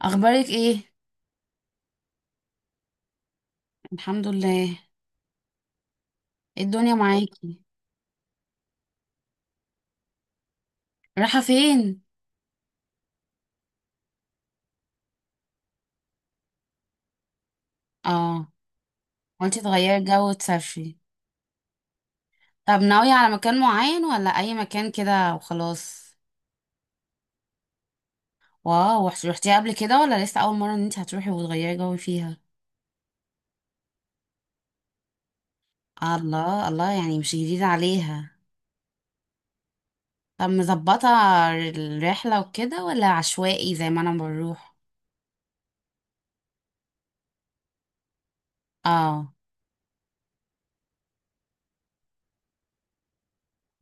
اخبارك ايه؟ الحمد لله. إيه الدنيا معاكي؟ رايحه فين؟ اه. قلتي تغيري الجو وتسافري؟ طب ناويه على مكان معين ولا اي مكان كده وخلاص؟ واو، رحتي قبل كده ولا لسه اول مره ان انت هتروحي وتغيري جو فيها؟ الله الله، يعني مش جديده عليها. طب مظبطه الرحله وكده، ولا عشوائي زي ما انا بروح؟ اه.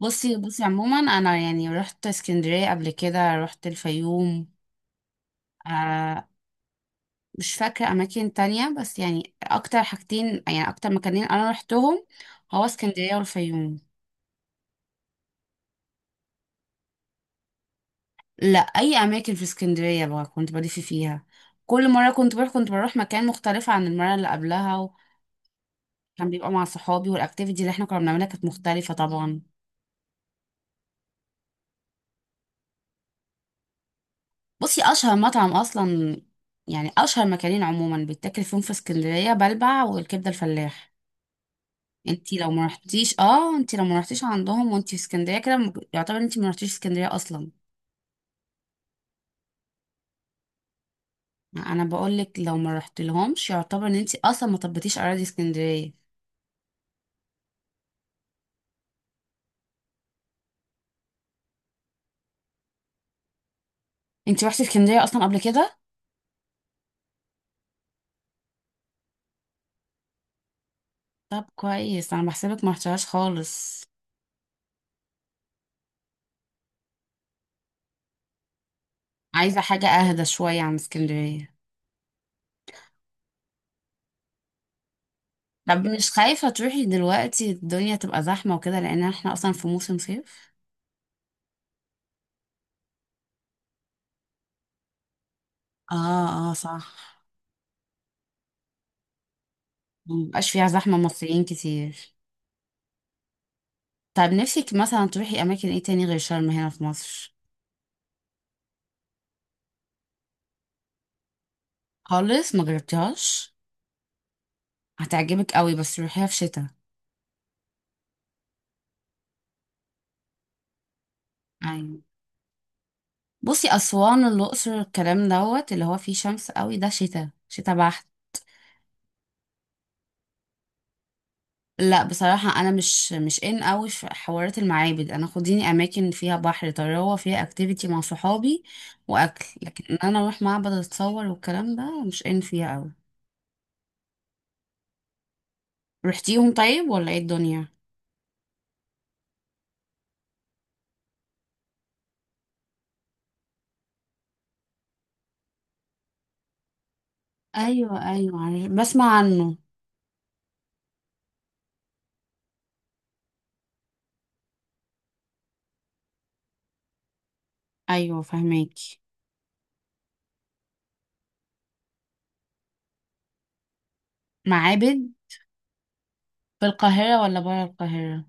بصي بصي، عموما انا يعني رحت اسكندريه قبل كده، رحت الفيوم. آه. مش فاكرة أماكن تانية، بس يعني أكتر حاجتين، يعني أكتر مكانين أنا روحتهم، هو اسكندرية والفيوم. لا، أي أماكن في اسكندرية بقى كنت بلف فيها. كل مرة كنت بروح، كنت بروح مكان مختلف عن المرة اللي قبلها. وكان بيبقى مع صحابي، والأكتيفيتي اللي احنا كنا بنعملها كانت مختلفة طبعا. بصي، أشهر مطعم أصلا، يعني أشهر مكانين عموما بيتاكل فيهم في اسكندرية، بلبع والكبدة الفلاح. انتي لو ما رحتيش عندهم وانتي في اسكندريه كده، يعتبر انتي ما رحتيش اسكندريه اصلا. انا بقول لك لو ما رحت لهمش، يعتبر ان انت اصلا ما طبتيش اراضي اسكندريه. انت رحتي اسكندريه اصلا قبل كده؟ طب كويس، انا بحسبك ما رحتهاش خالص. عايزه حاجه اهدى شويه عن اسكندريه؟ طب مش خايفه تروحي دلوقتي الدنيا تبقى زحمه وكده، لان احنا اصلا في موسم صيف؟ اه، اه، صح. مبقاش فيها زحمه مصريين كتير؟ طب نفسك مثلا تروحي اماكن ايه تاني غير شرم هنا في مصر؟ خالص، ما جربتيهاش؟ هتعجبك قوي، بس روحيها في شتاء. أيوة. بصي، أسوان الأقصر الكلام دوت اللي هو فيه شمس قوي ده، شتاء شتاء بحت. لا، بصراحة أنا مش إن قوي في حوارات المعابد، أنا خديني أماكن فيها بحر طراوة، فيها أكتيفيتي مع صحابي وأكل، لكن إن أنا أروح معبد أتصور والكلام ده مش إن فيها قوي. رحتيهم طيب ولا إيه الدنيا؟ أيوة، أيوة، بسمع عنه. أيوة، فهماكي. معابد. في القاهرة ولا برا القاهرة؟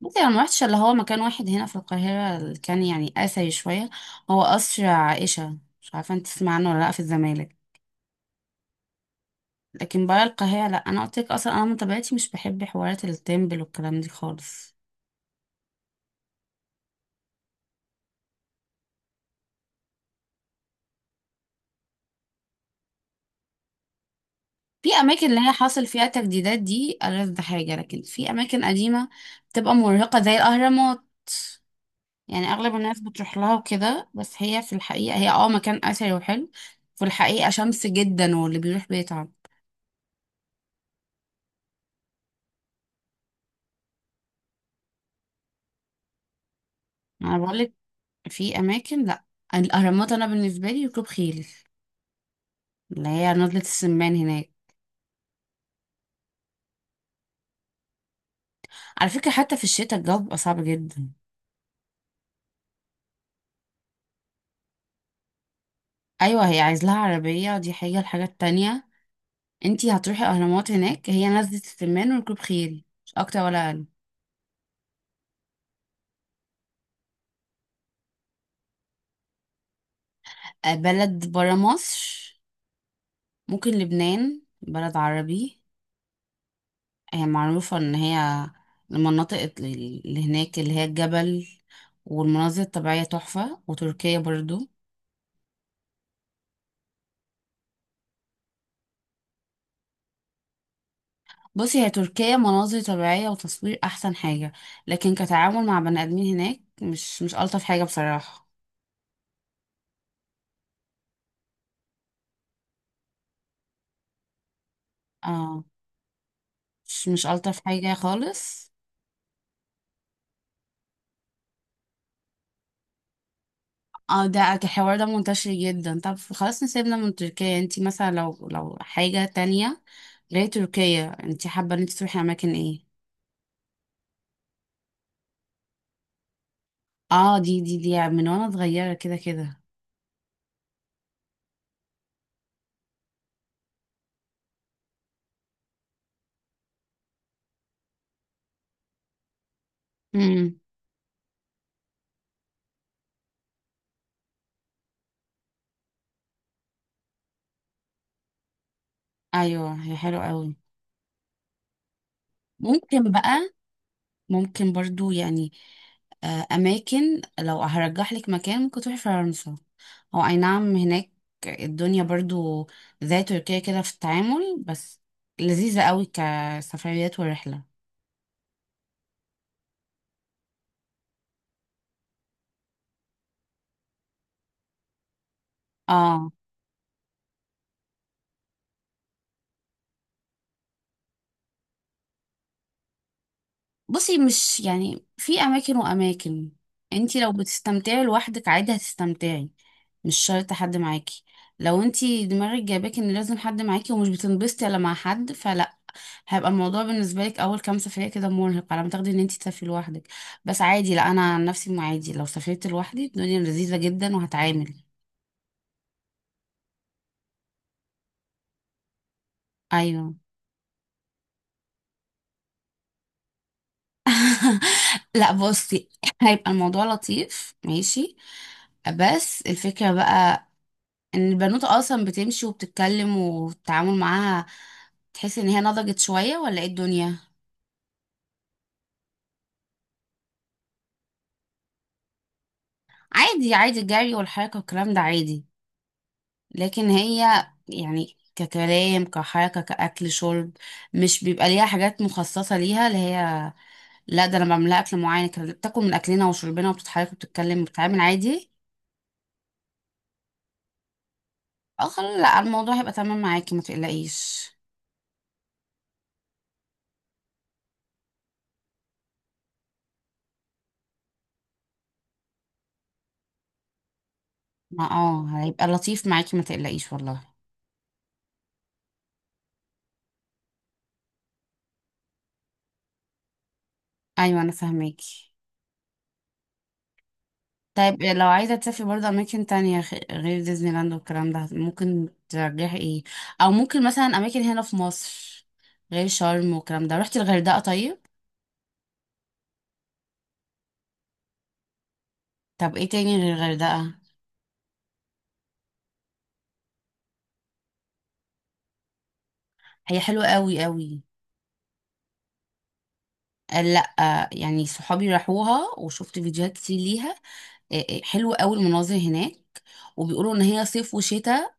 بصي، انا ما رحتش اللي هو مكان واحد هنا في القاهره اللي كان يعني اثري شويه. هو قصر عائشه، مش عارفه انت تسمع عنه ولا لا، في الزمالك. لكن برا القاهره لا، انا قلت لك اصلا، انا من طبيعتي مش بحب حوارات التمبل والكلام دي خالص. في اماكن اللي هي حاصل فيها تجديدات دي ألذ حاجه، لكن في اماكن قديمه بتبقى مرهقه زي الاهرامات. يعني اغلب الناس بتروح لها وكده، بس هي في الحقيقه هي مكان اثري وحلو. في الحقيقه شمس جدا، واللي بيروح بيتعب. انا بقولك، في اماكن، لا. الاهرامات انا بالنسبه لي ركوب خيل، اللي هي نضلة السمان هناك. على فكره، حتى في الشتاء الجو بيبقى صعب جدا. ايوه، هي عايز لها عربيه دي حاجه، الحاجه التانية، انتي هتروحي اهرامات هناك هي نزلة السمان وركوب خيل، مش اكتر ولا اقل. بلد برا مصر؟ ممكن لبنان، بلد عربي. هي معروفه ان هي المناطق اللي هناك اللي هي الجبل والمناظر الطبيعيه تحفه، وتركيا برضو. بصي، هي تركيا مناظر طبيعية وتصوير أحسن حاجة، لكن كتعامل مع بني آدمين هناك مش ألطف حاجة بصراحة. اه، مش ألطف حاجة خالص. اه، ده الحوار ده منتشر جدا، طب خلاص نسيبنا من تركيا، انتي مثلا لو حاجة تانية غير تركيا، انتي حابة ان انتي تروحي أماكن ايه؟ اه، دي من وانا صغيرة كده كده. امم. ايوه، هي حلوة قوي. ممكن بقى، ممكن برضو يعني، اماكن لو هرجح لك مكان ممكن تروحي فرنسا. هو اي نعم، هناك الدنيا برضو زي تركيا كده في التعامل، بس لذيذة قوي كسفريات ورحلة. اه، بصي، مش يعني، في اماكن واماكن. انتي لو بتستمتعي لوحدك عادي هتستمتعي، مش شرط حد معاكي. لو انتي دماغك جايباك ان لازم حد معاكي ومش بتنبسطي الا مع حد فلا، هيبقى الموضوع بالنسبه لك اول كام سفريه كده مرهق على ما تاخدي ان انت تسافري لوحدك. بس عادي، لا انا عن نفسي، ما عادي لو سافرت لوحدي الدنيا لذيذه جدا وهتعامل. ايوه. لا بصي، هيبقى الموضوع لطيف ماشي، بس الفكره بقى ان البنوتة اصلا بتمشي وبتتكلم، والتعامل معاها تحس ان هي نضجت شويه ولا ايه الدنيا؟ عادي عادي، الجري والحركه والكلام ده عادي. لكن هي يعني ككلام كحركة كأكل شرب، مش بيبقى ليها حاجات مخصصة ليها، اللي هي لا، ده أنا بعملها أكل معين كده، بتاكل من أكلنا وشربنا وبتتحرك وبتتكلم وبتتعامل عادي. اه خلاص، لا الموضوع هيبقى تمام معاكي ما تقلقيش. ما هيبقى لطيف معاكي ما تقلقيش والله. أيوة، أنا فاهماكي. طيب، لو عايزة تسافري برضه أماكن تانية غير ديزني لاند والكلام ده، ممكن ترجحي ايه؟ أو ممكن مثلا أماكن هنا في مصر غير شرم والكلام ده، رحتي الغردقة طيب؟ طب ايه تاني غير الغردقة؟ هي حلوة قوي قوي. قال لا، يعني صحابي راحوها وشفت فيديوهات كتير ليها. إيه إيه، حلوة قوي المناظر هناك. وبيقولوا ان هي صيف وشتاء،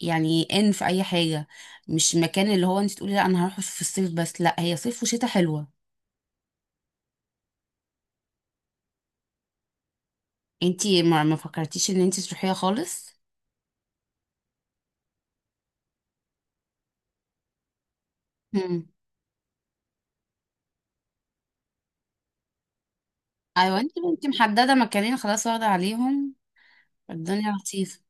يعني ان في اي حاجة، مش مكان اللي هو انت تقولي لا انا هروح في الصيف بس، لا هي صيف وشتاء حلوة. انت ما فكرتيش ان انت تروحيها خالص؟ مم. ايوه، انت محددة مكانين خلاص واخدة عليهم. الدنيا لطيفة.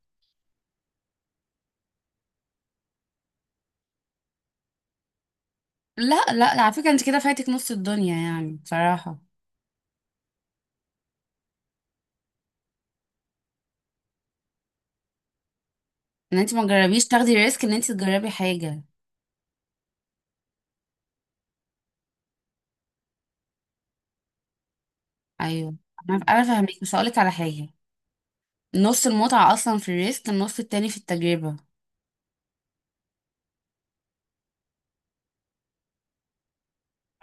لا، لا، على فكرة انت كده فاتك نص الدنيا يعني بصراحة، ان انت ما تجربيش تاخدي ريسك ان انت تجربي حاجه. ايوه، انا فاهمك، مش هقولك على حاجه. نص المتعه اصلا في الريسك، النص التاني في التجربه.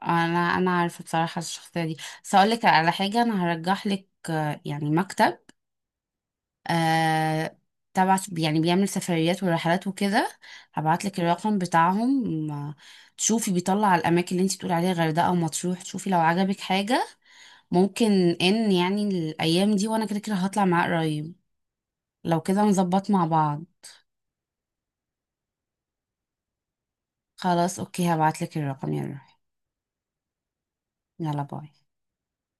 انا عارفه بصراحه الشخصيه دي. بس هقولك على حاجه، انا هرجح لك يعني مكتب، آه تبع يعني بيعمل سفريات ورحلات وكده. هبعت لك الرقم بتاعهم. تشوفي بيطلع الاماكن اللي انت بتقولي عليها غردقه ومطروح، تشوفي لو عجبك حاجه. ممكن ان يعني الايام دي وانا كده كده هطلع معاه قريب، لو كده نظبط مع بعض. خلاص، اوكي، هبعتلك الرقم يا روحي. يلا باي.